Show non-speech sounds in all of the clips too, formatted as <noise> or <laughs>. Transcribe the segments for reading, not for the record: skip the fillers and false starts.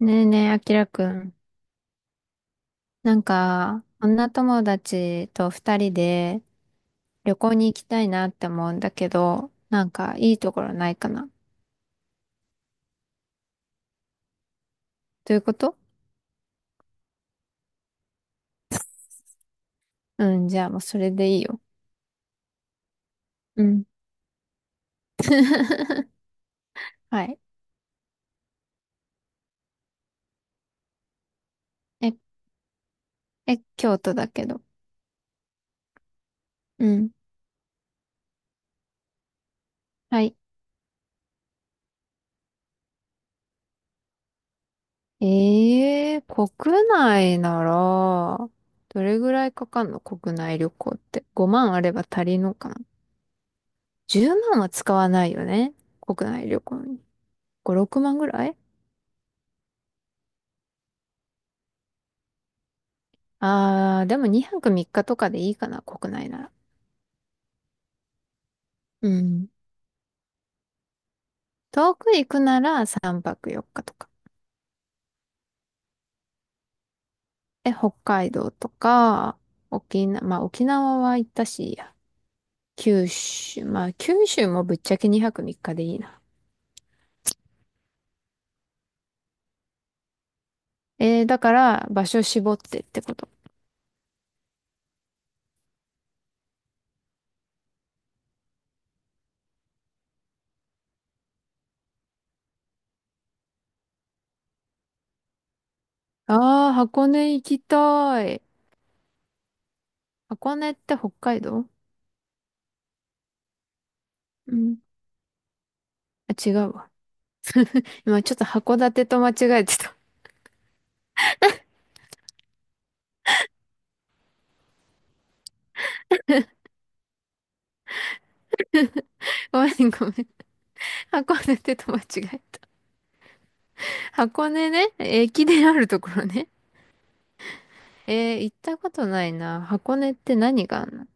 ねえねえ、あきらくん。なんか、女友達と二人で旅行に行きたいなって思うんだけど、なんかいいところないかな。ということうん、じゃあもうそれでいいよ。うん。<laughs> はい。え、京都だけど。うん。はい。ええー、国内なら、どれぐらいかかんの、国内旅行って。5万あれば足りんのかな？ 10 万は使わないよね。国内旅行に。5、6万ぐらい。ああ、でも2泊3日とかでいいかな、国内なら。うん。遠く行くなら3泊4日とか。北海道とか、沖縄、まあ沖縄は行ったし、九州、まあ九州もぶっちゃけ2泊3日でいいな。だから場所絞ってってこと。ああ、箱根行きたい。箱根って北海道？うん。あ、違うわ。今ちょっと函館と間違えてた。<laughs> ごめんごめん。<laughs> 函館と間違えた。箱根ね、駅伝あるところね。行ったことないな。箱根って何があんの？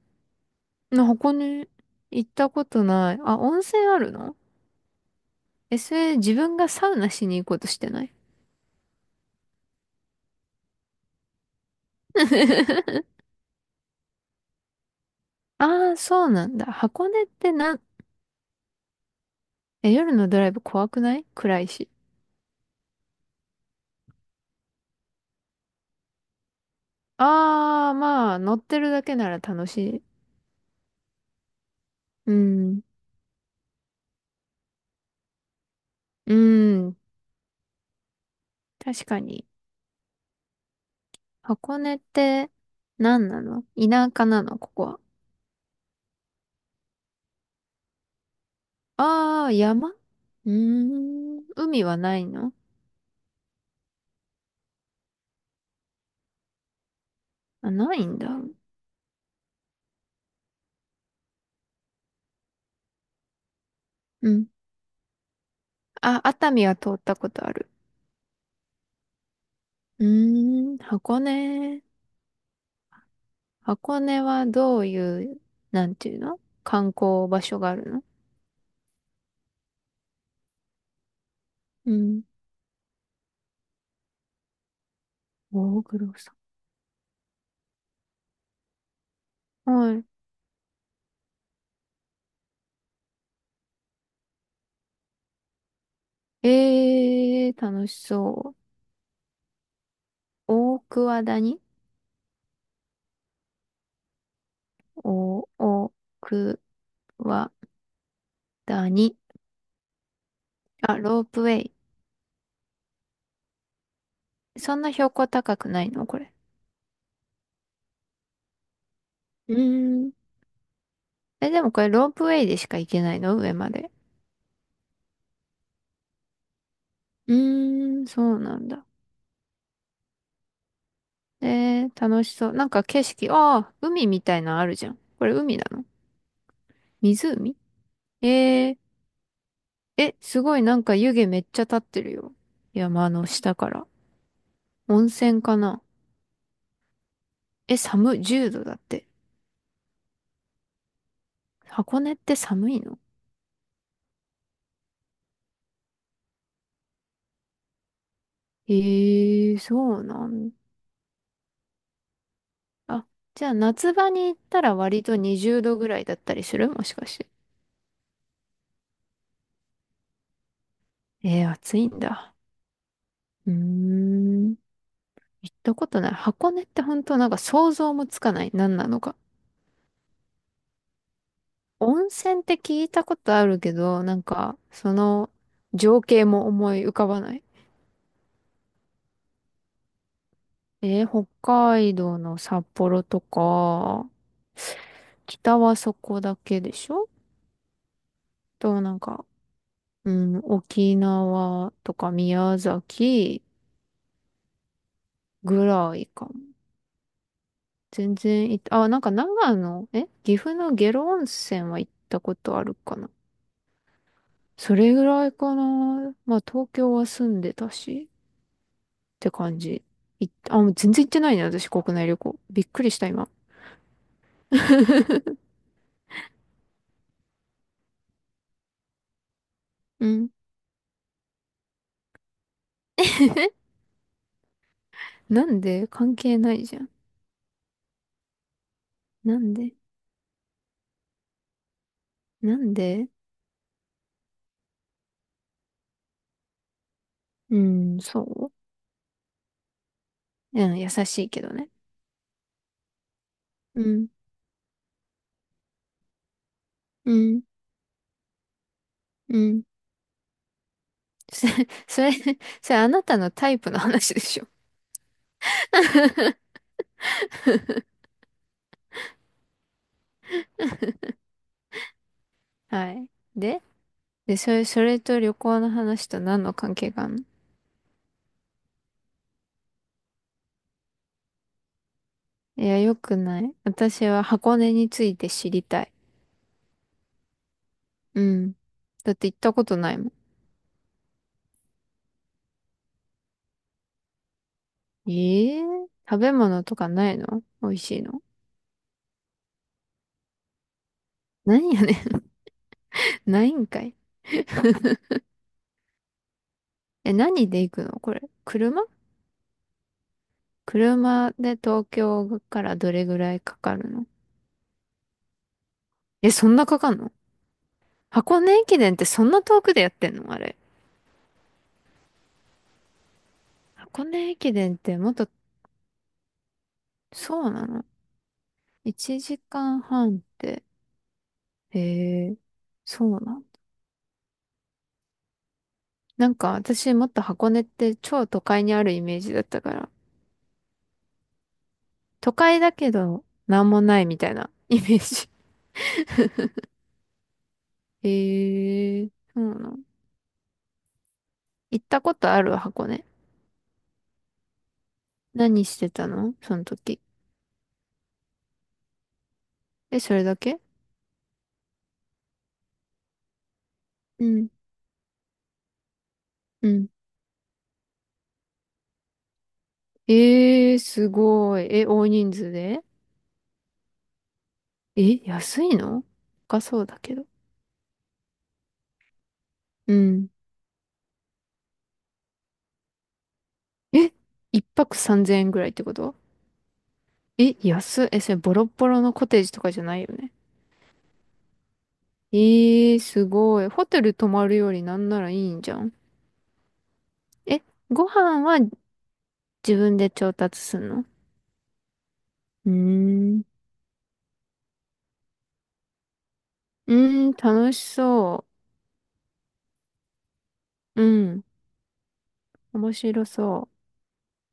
箱根行ったことない。あ、温泉あるの？え、それ自分がサウナしに行こうとしてない？ <laughs> ああ、そうなんだ。箱根ってな、え、夜のドライブ怖くない？暗いし。ああ、まあ、乗ってるだけなら楽しい。うん。うん。確かに。箱根って何なの？田舎なのここは。ああー、山。うーん。海はないの？あ、ないんだ。うん。あ、熱海は通ったことある。うーん、箱根。箱根はどういう、なんていうの、観光場所があるの？うん。大黒さん。はい。楽しそう。大桑谷？お、大桑谷。あ、ロープウェイ。そんな標高高くないのこれ？うーん。え、でもこれロープウェイでしか行けないの、上まで？うーん、そうなんだ。楽しそう。なんか景色、ああ、海みたいなのあるじゃん。これ海なの？湖？えー、すごい、なんか湯気めっちゃ立ってるよ。山の下から。温泉かな？え、寒い、10度だって。箱根って寒いの？そうなんだ。あ、じゃあ夏場に行ったら割と20度ぐらいだったりする、もしかして。暑いんだ。うーん、行ったことない。箱根って本当なんか想像もつかない。何なのか。温泉って聞いたことあるけど、なんか、その情景も思い浮かばない。北海道の札幌とか、北はそこだけでしょ？と、なんか、うん、沖縄とか宮崎ぐらいかも。全然行った、あ、なんか長野、岐阜の下呂温泉は行ったことあるかな。それぐらいかな。まあ、東京は住んでたし。て感じ。あ、もう全然行ってないね、私、国内旅行。びっくりした、今。うん。なんで？関係ないじゃん。なんでなんで？うん、そう。うん、優しいけどね。うん、うん、うん。<laughs> それ、それ、それ、あなたのタイプの話でしょ。はい。で、で、それと旅行の話と何の関係があるの？いや、よくない。私は箱根について知りたい。うん。だって行ったことないもん。ええ？食べ物とかないの？美味しいの。何やねん。<laughs> ないんかい。え、何で行くのこれ。車？車で東京からどれぐらいかかるの？え、そんなかかんの？箱根駅伝ってそんな遠くでやってんのあれ。箱根駅伝ってもっと、そうなの？ 1 時間半って。へえ、そうなの？なんか私もっと箱根って超都会にあるイメージだったから。都会だけど、なんもないみたいなイメージ。<laughs> へえ、そうなの？行ったことある箱根。何してたのその時。え、それだけ？うん。うん。すごい。え、大人数で？え、安いの？高そうだけど。うん。え、一泊3000円ぐらいってこと？え、安い。え、それボロッボロのコテージとかじゃないよね。すごい。ホテル泊まるよりなんならいいんじゃん。え、ご飯は自分で調達すんの？うーん。うーん、楽しそう。うん。面白そ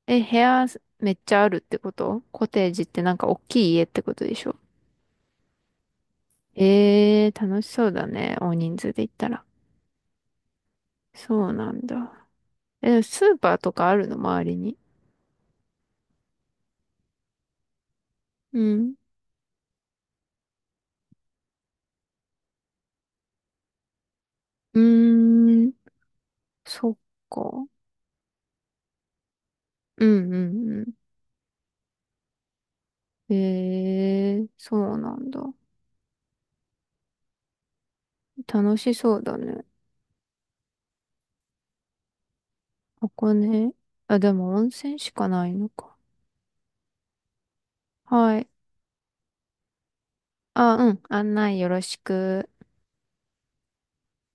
う。え、部屋めっちゃあるってこと？コテージってなんか大きい家ってことでしょ？ええー、楽しそうだね。大人数で行ったら。そうなんだ。え、スーパーとかあるの、周りに。うん。うーん。そっか。うんうんうん。ええー、そうなんだ。楽しそうだね。ここね。あ、でも温泉しかないのか。はい。あ、うん。案内よろしく。